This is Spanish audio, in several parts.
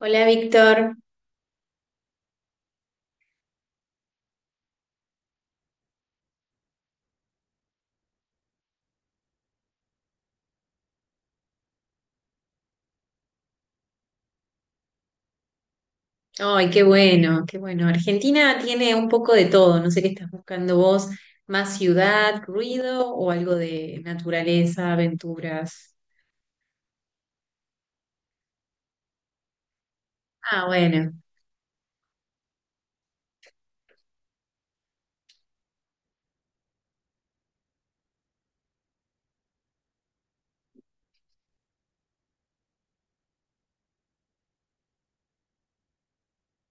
Hola Víctor. Ay, qué bueno, qué bueno. Argentina tiene un poco de todo. No sé qué estás buscando vos. ¿Más ciudad, ruido o algo de naturaleza, aventuras? Ah, bueno.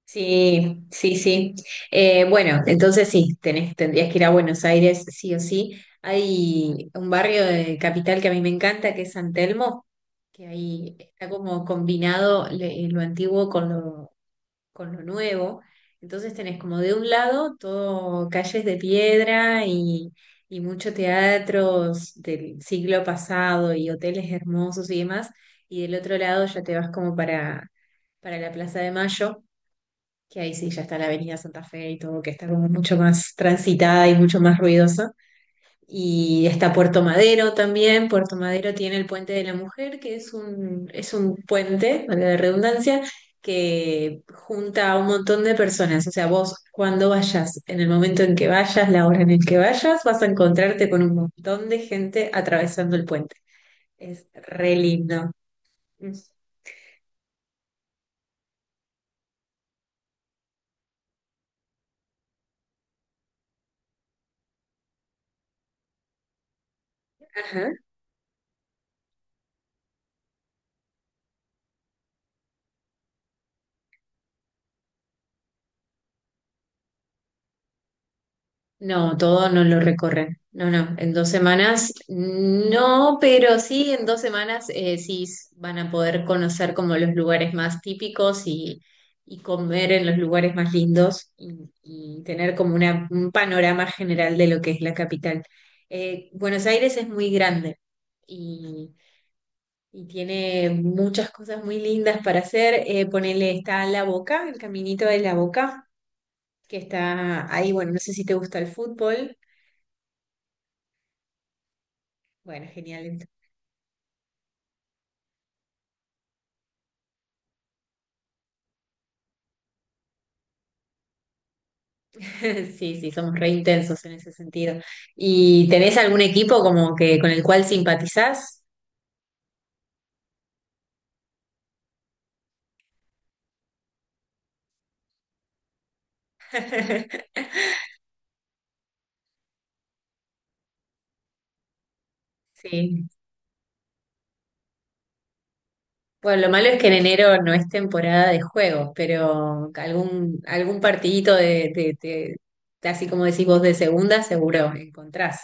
Sí, sí, sí. Bueno, entonces sí, tendrías que ir a Buenos Aires, sí o sí. Hay un barrio de capital que a mí me encanta, que es San Telmo, que ahí está como combinado lo antiguo con lo nuevo. Entonces tenés como de un lado todo calles de piedra y mucho teatros del siglo pasado y hoteles hermosos y demás, y del otro lado ya te vas como para la Plaza de Mayo, que ahí sí ya está la Avenida Santa Fe y todo, que está como mucho más transitada y mucho más ruidosa. Y está Puerto Madero también. Puerto Madero tiene el Puente de la Mujer, que es es un puente, valga la redundancia, que junta a un montón de personas. O sea, vos cuando vayas, en el momento en que vayas, la hora en el que vayas, vas a encontrarte con un montón de gente atravesando el puente. Es re lindo. Ajá. No, todo no lo recorren. No, no, en dos semanas no, pero sí, en dos semanas sí van a poder conocer como los lugares más típicos y comer en los lugares más lindos y tener como un panorama general de lo que es la capital. Buenos Aires es muy grande y, y tiene muchas cosas muy lindas para hacer. Ponele, está La Boca, el caminito de La Boca, que está ahí, bueno, no sé si te gusta el fútbol. Bueno, genial. Sí, sí, somos re intensos en ese sentido. ¿Y tenés algún equipo como que con el cual simpatizás? Sí. Bueno, lo malo es que en enero no es temporada de juegos, pero algún, algún partidito de- así como decís vos, de segunda, seguro encontrás.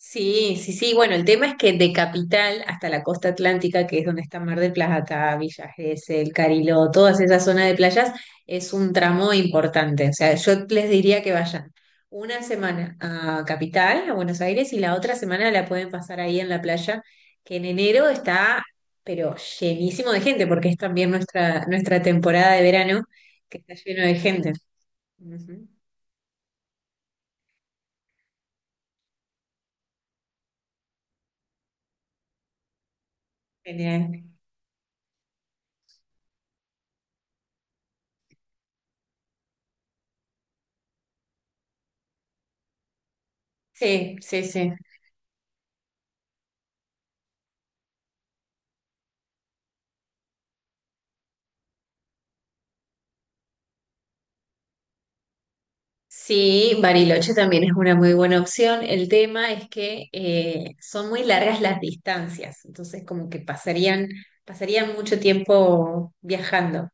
Sí, sí, sí. Bueno, el tema es que de Capital hasta la costa atlántica, que es donde está Mar del Plata, Villa Gesell, Cariló, todas esas zonas de playas, es un tramo importante. O sea, yo les diría que vayan una semana a Capital, a Buenos Aires, y la otra semana la pueden pasar ahí en la playa, que en enero está, pero llenísimo de gente, porque es también nuestra temporada de verano, que está lleno de gente. Ujú. Genial. Sí, sí, sí. Sí, Bariloche también es una muy buena opción. El tema es que son muy largas las distancias, entonces como que pasarían mucho tiempo viajando.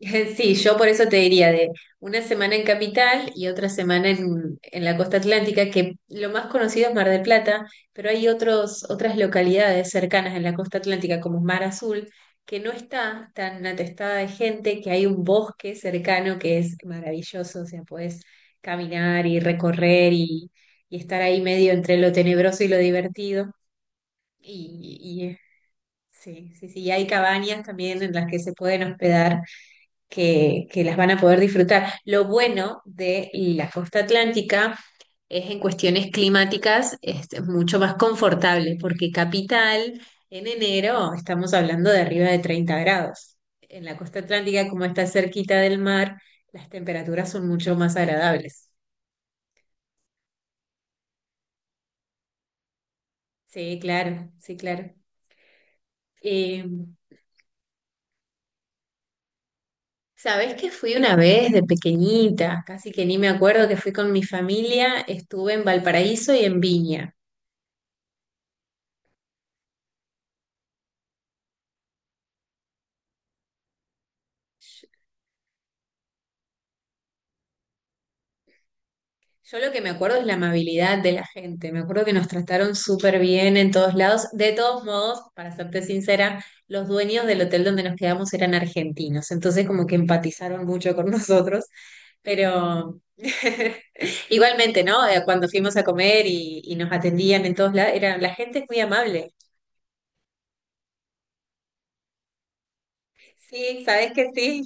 Sí, yo por eso te diría de una semana en Capital y otra semana en la costa atlántica, que lo más conocido es Mar del Plata, pero hay otras localidades cercanas en la costa atlántica, como Mar Azul, que no está tan atestada de gente, que hay un bosque cercano que es maravilloso, o sea, podés caminar y recorrer y estar ahí medio entre lo tenebroso y lo divertido. Y, y eh, sí, sí, sí, y hay cabañas también en las que se pueden hospedar que las van a poder disfrutar. Lo bueno de la costa atlántica es en cuestiones climáticas es mucho más confortable, porque Capital en enero estamos hablando de arriba de 30 grados. En la costa atlántica, como está cerquita del mar, las temperaturas son mucho más agradables. Sí, claro, sí, claro. Eh, ¿Sabés que fui una vez de pequeñita? Casi que ni me acuerdo que fui con mi familia, estuve en Valparaíso y en Viña. Yo lo que me acuerdo es la amabilidad de la gente. Me acuerdo que nos trataron súper bien en todos lados. De todos modos, para serte sincera, los dueños del hotel donde nos quedamos eran argentinos. Entonces como que empatizaron mucho con nosotros. Pero igualmente, ¿no? Cuando fuimos a comer y nos atendían en todos lados, era, la gente es muy amable. Sí, ¿sabes que sí?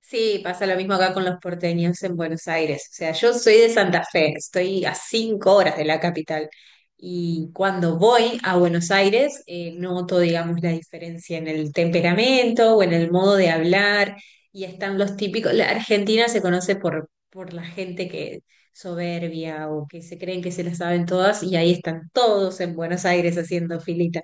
Sí, pasa lo mismo acá con los porteños en Buenos Aires. O sea, yo soy de Santa Fe, estoy a 5 horas de la capital. Y cuando voy a Buenos Aires, noto, digamos, la diferencia en el temperamento o en el modo de hablar. Y están los típicos. La Argentina se conoce por la gente que soberbia o que se creen que se la saben todas, y ahí están todos en Buenos Aires haciendo filita.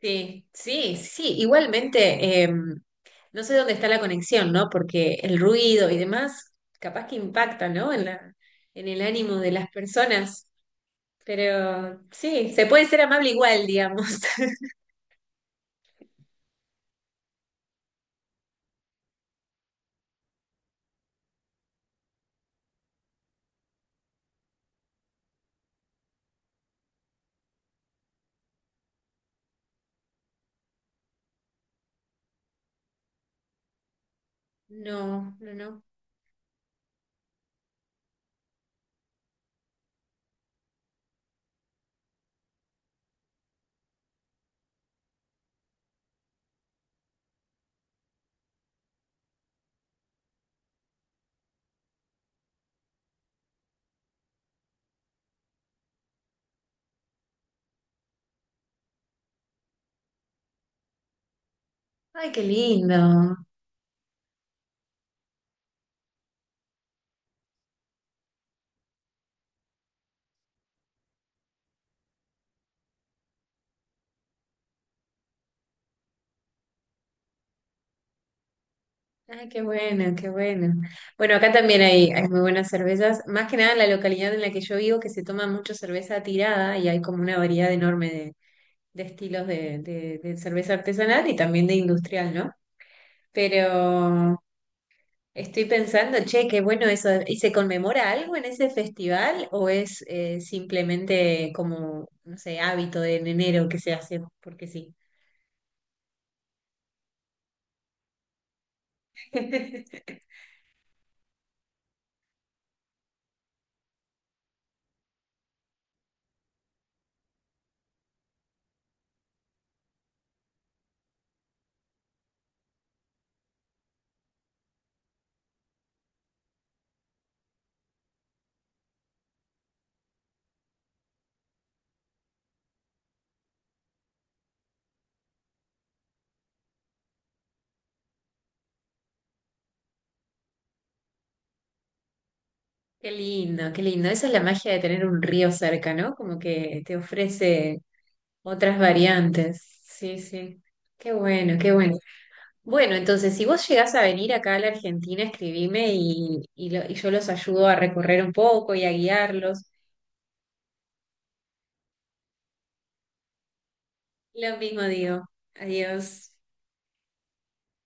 Sí, sí, sí. Igualmente, no sé dónde está la conexión, ¿no? Porque el ruido y demás, capaz que impacta, ¿no? En el ánimo de las personas. Pero sí, se puede ser amable igual, digamos. No, no, no. Ay, qué lindo. Ay, qué bueno, qué bueno. Bueno, acá también hay muy buenas cervezas. Más que nada en la localidad en la que yo vivo, que se toma mucho cerveza tirada y hay como una variedad enorme de estilos de de cerveza artesanal y también de industrial, ¿no? Pero estoy pensando, che, qué bueno eso. ¿Y se conmemora algo en ese festival o es simplemente como, no sé, hábito de en enero que se hace porque sí? Qué lindo, qué lindo. Esa es la magia de tener un río cerca, ¿no? Como que te ofrece otras variantes. Sí, sí. Qué bueno, qué bueno. Bueno, entonces, si vos llegás a venir acá a la Argentina, escribime y yo los ayudo a recorrer un poco y a guiarlos. Lo mismo digo. Adiós.